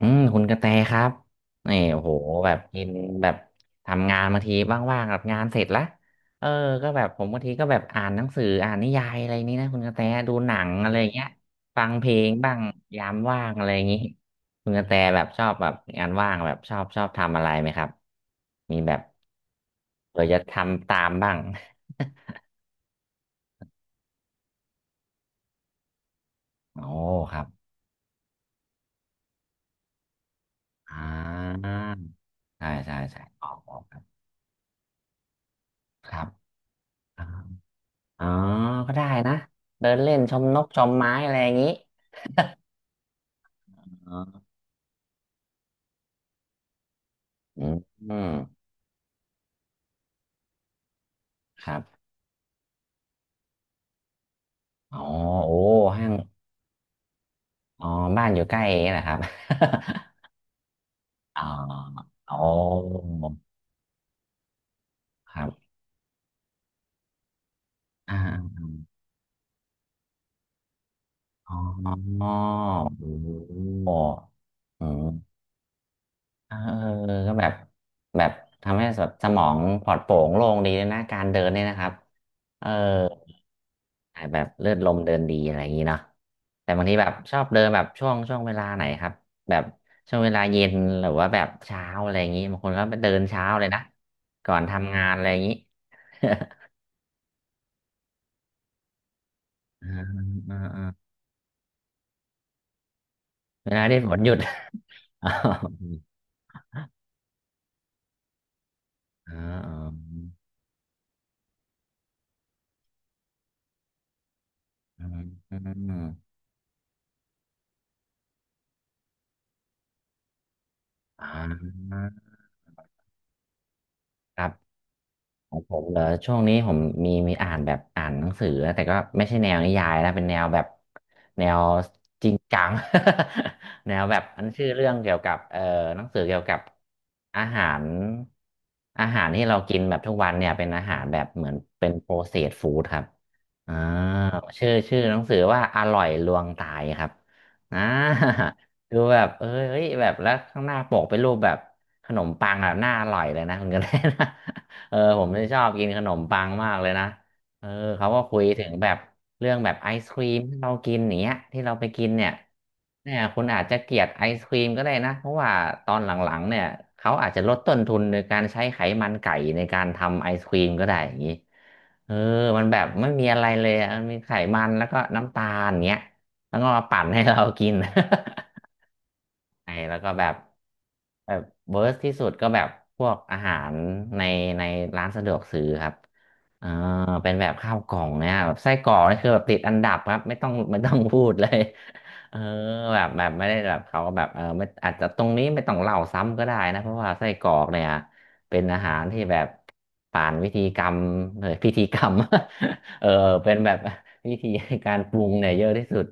อืมคุณกระแตครับนี่โอ้โหแบบกินแบบทำงานบางทีว่างๆแบบงานเสร็จละเออก็แบบผมบางทีก็แบบอ่านหนังสืออ่านนิยายอะไรนี้นะคุณกระแตดูหนังอะไรอย่างเงี้ยฟังเพลงบ้างยามว่างอะไรอย่างงี้คุณกระแตแบบชอบแบบงานว่างแบบชอบทำอะไรไหมครับมีแบบเผื่อจะทำตามบ้าง โอ้ครับอ่าใช่ใช่ใช่อ๋ออกครับ อ๋อก็ได้นะ เดินเล่นชมนกชมไม้อะไรอย่างนี้อ๋ออืมอืมครับอ๋อโอ้ห้างอ๋อบ้านอยู่ใกล้เองนะครับ อ๋อโอ้ครับอ่าอ๋อโอ้โหอืม เออเออก็แบบแบบทำให้แบบสมองปลอดโปร่งโล่งดีเลยนะการเดินเนี่ยนะครับเออแบบเลือดลมเดินดีอะไรอย่างนี้เนาะแต่บางทีแบบชอบเดินแบบช่วงเวลาไหนครับแบบช่วงเวลาเย็นหรือว่าแบบเช้าอะไรอย่างนี้บางคนก็ไปเดินเช้าเลยนะก่อนทำงานอะไรอย่างนี้ อ่าอ่าอ่าเวลาที่ฝนหยุด อ๋อ อ๋ออ๋ออ๋ออ๋อครับ ของผมเหรอช่วงนี้ผมมีอ่านแบบอ่านหนังสือนะแต่ก็ไม่ใช่แนวนิยายนะเป็นแนวแบบแนวจริงจัง แนวแบบอันชื่อเรื่องเกี่ยวกับหนังสือเกี่ยวกับ อาหารอาหารที่เรากินแบบทุกวันเนี่ยเป็นอาหารแบบเหมือนเป็นโปรเซสฟู้ดครับอ่าชื่อหนังสือว่าอร่อยลวงตายครับอ่า ดูแบบเอ้ยเอ้ยแบบแล้วข้างหน้าปกเป็นรูปแบบขนมปังแบบน่าอร่อยเลยนะคุณกันได้นะ เออผมไม่ชอบกินขนมปังมากเลยนะเออเขาก็คุยถึงแบบ เรื่องแบบไอศครีมที่เรากินอย่างเนี้ยที่เราไปกินเนี่ยเนี่ยคุณอาจจะเกลียดไอศครีมก็ได้นะเพราะว่าตอนหลังๆเนี่ยเขาอาจจะลดต้นทุนโดยการใช้ไขมันไก่ในการทำไอศครีมก็ได้อย่างนี้เออมันแบบไม่มีอะไรเลยอะมันมีไขมันแล้วก็น้ำตาลเนี้ยแล้วก็มาปั่นให้เรากิน ไอ้แล้วก็แบบแบบเวิร์สที่สุดก็แบบพวกอาหารในในร้านสะดวกซื้อครับเออเป็นแบบข้าวกล่องเนี่ยแบบไส้กรอกนี่คือแบบติดอันดับครับไม่ต้องพูดเลยเออแบบแบบไม่ได้แบบเขาแบบเออไม่อาจจะตรงนี้ไม่ต้องเล่าซ้ำก็ได้นะเพราะว่าไส้กรอกเนี่ยเป็นอาหารที่แบบผ่านวิธีกรรมเออพิธีกรรม เออเป็นแบบ วิธีการปรุงเนี่ยเยอะที่สุด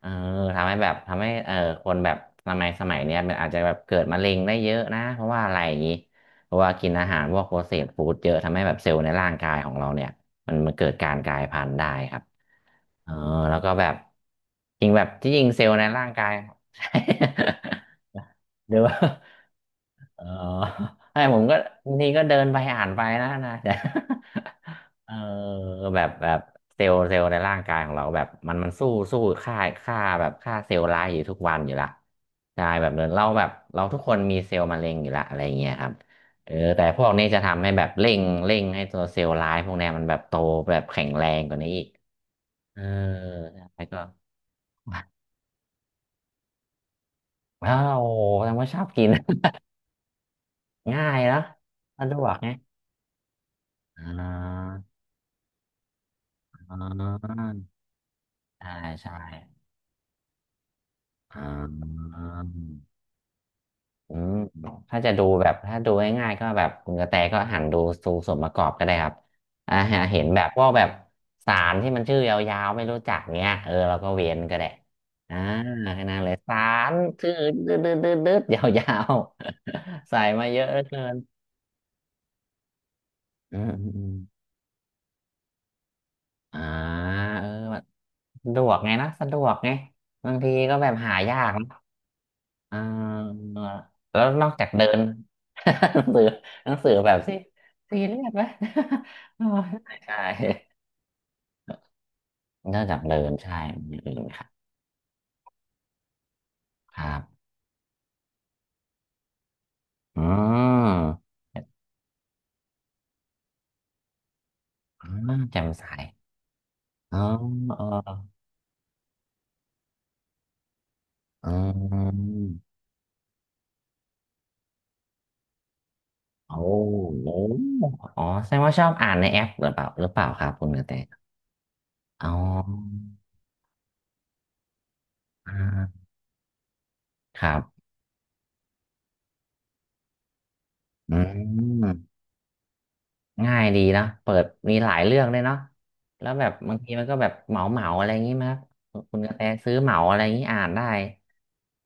เออทำให้แบบทำให้เออคนแบบสมัยเนี้ยมันอาจจะแบบเกิดมะเร็งได้เยอะนะเพราะว่าอะไรอย่างนี้เพราะว่ากินอาหารพวกโปรเซสฟู้ดเยอะทำให้แบบเซลล์ในร่างกายของเราเนี่ยมันเกิดการกลายพันธุ์ได้ครับเออแล้วก็แบบจริงแบบที่จริงเซลล์ในร่างกาย หรือว่า เออ ให้ผมก็บางทีก็เดินไปอ่านไปนะ แต่ เออแบบแบบเซลล์ในร่างกายของเราแบบมันสู้ค่าค่าแบบค่าเซลล์ร้ายอยู่ทุกวันอยู่ละใช่แบบเดินเราแบบเราทุกคนมีเซลล์มะเร็งอยู่ละอะไรอย่างเงี้ยครับเออแต่พวกนี้จะทำให้แบบเร่งให้ตัวเซลล์ร้ายพวกเนี้ยมันแบบโตแบบแข็งแรงกว่านี้อีกเออใช่ก็ ว้าวแสดงว่าชอบกิน ง่ายแล้วสะดวกไงอ่า อ่าใช่ใช่อ่าอืมถ้าจะดูแบบ ถ้าดูง่ายๆก็แบบคุณกระแตก็หันดูดูส่วนประกอบก็ได้ครับอ่าหาเห็นแบบพวกแบบสารที่มันชื่อยาวๆไม่รู้จักเนี้ยเออเราก็เว้นก็ได้ อ่าแค่นั้นเลยสารชื่อดืดดืดดืดยาวๆ ใส่มาเยอะเหลือเกินอืมอืมอืมอ่าเออแบบสะดวกไงนะสะดวกไงบางทีก็แบบหายาก อ่าแล้วนอกจากเดิน หนังสือหนังสือแบบซีเรียสไหม อ๋อใช่นอกจากเดินใช่มีอย่างอื่นไหมครับครับอืมอ่าแจ่มใสอ๋อเอออืมโอ้โหอ๋อแสดงว่าชอบอ่านในแอปหรือเปล่าครับคุณกระแตอ๋ออ่าครับอืม ง่ายดีเนาะเปิดมีหลายเรื่องเลยเนาะแล้วแบบบางทีมันก็แบบเหมาเหมาอะไรอย่างงี้มั้ยครับคุณกระแตซื้อเหมาอะไรอย่างงี้อ่านได้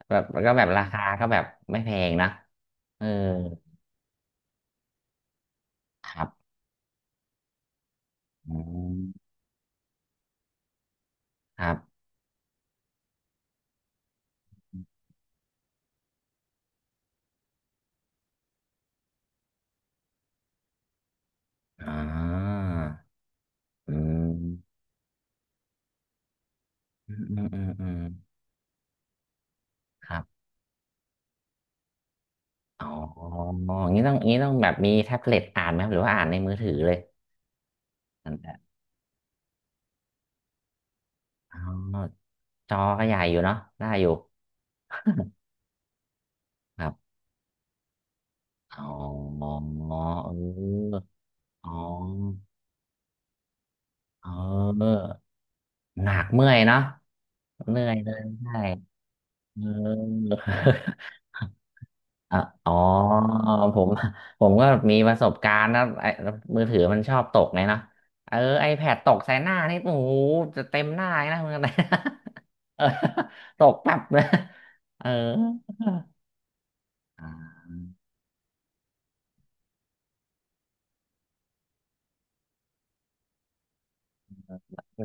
แบบแล้วก็แบบราคาก็แบบไม่แพงนะเออครับอืมครับอ่าอืมอืมอืมอืมอืมครับอ๋ออย่างนี้ต้องอย่างนี้ต้องแบบมีแท็บเล็ตอ่านไหมครับหรือว่าอ่านในมือถือเลยนั่นแหละอ๋อจอก็ใหญ่อยู่เนาะได้อยู่ ครับอ๋อเออ อ๋อเออหนักเมื่อยเนาะเหนื่อยเลยใช่เออ อ่ะอ๋อผมผมก็มีประสบการณ์นะไอ้มือถือมันชอบตกไงเนาะเออ iPad ตกใส่หน้านี่โอ้โหจะเต็มหน้าเลยนะ มกันนะเออตกแป๊บเลยเอออ่า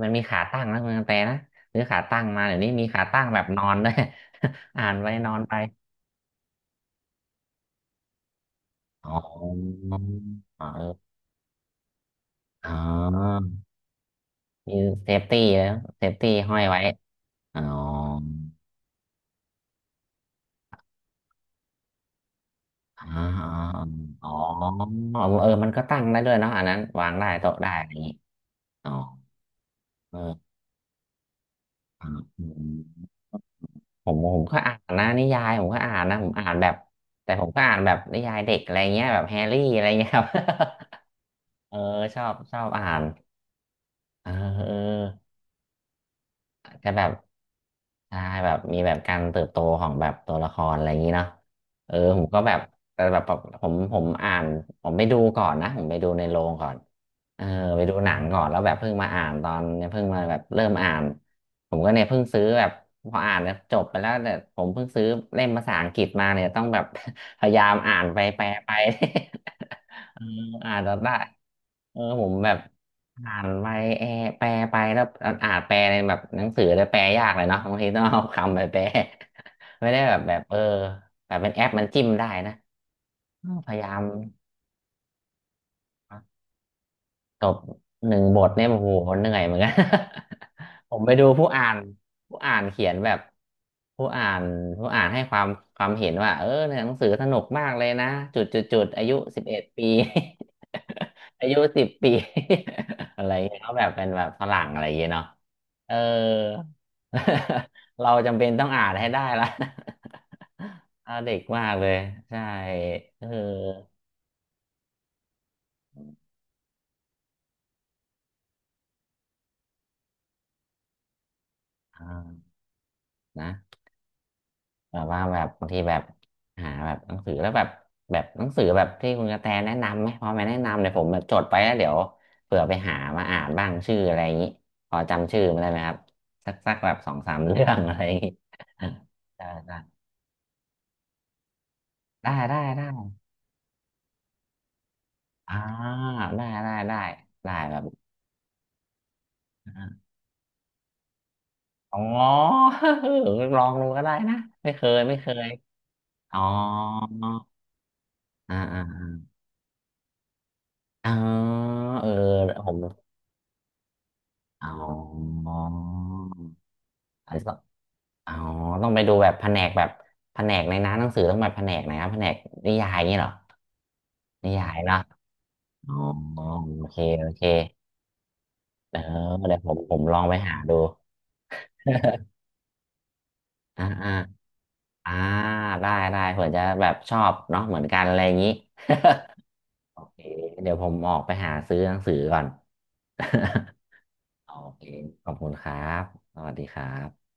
มันมีขาตั้งนะมังแต่นะซื้อขาตั้งมาเดี๋ยวนี้มีขาตั้งแบบนอนด้วย อ่านไปนอนไปอ๋อเออ อ๋อมีเซฟตี้แล้วเซฟตี้ห้อยไว้อ๋ออ๋ออ๋ออ๋อเออมันก็ตั้งได้ด้วยเนาะอันนั้นวางได้โต๊ะได้อะไรอย่างนี้อ๋อเอออ๋ออืมผมก็อ่านนะนิยายผมก็อ่านนะผมอ่านแบบแต่ผมก็อ่านแบบนิยายเด็กอะไรเงี้ยแบบแฮร์รี่อะไรเงี้ยครับ เออชอบอ่านเออเออ ก็แบบใช่แบบมีแบบการเติบโตของแบบตัวละครอะไรอย่างนี้เนาะเออผมก็แบบแต่แบบผมอ่านผมไปดูก่อนนะผมไปดูในโรงก่อนเออไปดูหนังก่อนแล้วแบบเพิ่งมาอ่านตอนเนี่ยเพิ่งมาแบบเริ่มอ่านผมก็เนี่ยเพิ่งซื้อแบบพออ่านแล้วจบไปแล้วแต่ผมเพิ่งซื้อเล่มภาษาอังกฤษมาเนี่ยต้องแบบ พยายามอ่านไปแปลไป เออ อ่านจนได้เออผมแบบ อ่านไปแอแปลไปแล้วอ่านแปลในแบบหนังสือแต่แปลยากเลยเนาะบางทีต้องเอาคำไปแปล ไม่ได้แบบแบบเออแบบเป็นแอปมันจิ้มได้นะเออพยายาม จบ1 บทเนี่ยโอ้โหเหนื่อยเหมือนกัน ผมไปดูผู้อ่านผู้อ่านเขียนแบบผู้อ่านผู้อ่านให้ความความเห็นว่าเออเนี่ยหนังสือสนุกมากเลยนะจุดจุดจุดอายุ11 ปี อายุ10 ปี อะไรเงี้ยเขาแบบเป็นแบบฝรั่งอะไรอย่างเงี้ยเนาะเออ เราจำเป็นต้องอ่านให้ได้ละ เอาเด็กมากเลยใช่เอออ่านะ แบบว่าแบบบางทีแบบหาแบบหนังสือแล้วแบบแบบหนังสือแบบที่คุณกระแตแนะนำไหมพอมาแนะนำเดี๋ยวผมแบบจดไปแล้วเดี๋ยวเผื่อไปหามาอ่านบ้างชื่ออะไรอย่างนี้พอจำชื่อมาได้ไหมครับสักสักแบบ2-3 เรื่องอะไรอย่างนี้ ได้ได้ได้ได้ได้อ่าได้ได้ได้ได้แบบอ๋อ ลองดูก็ได้นะไม่เคยไม่เคยอ๋ออ่าอ่าอ๋อเออผมอ๋อ อ๋อต้องไปดูแบบแผนกแบบแผนกในร้านหนังสือต้องไปแผนกไหนครับแผนกนิยายอย่างนี้เหรอนิยายเนาะอ๋อโอเค โอเคเออเดี๋ยวผมลองไปหาดู อ่าอ่าอ่าได้ได้เผื่อจะแบบชอบเนาะเหมือนกันอะไรอย่างนี้ เอ๊ะเดี๋ยวผมออกไปหาซื้อหนังสือก่อน โอเค ขอบคุณครับ สวัสดีครับ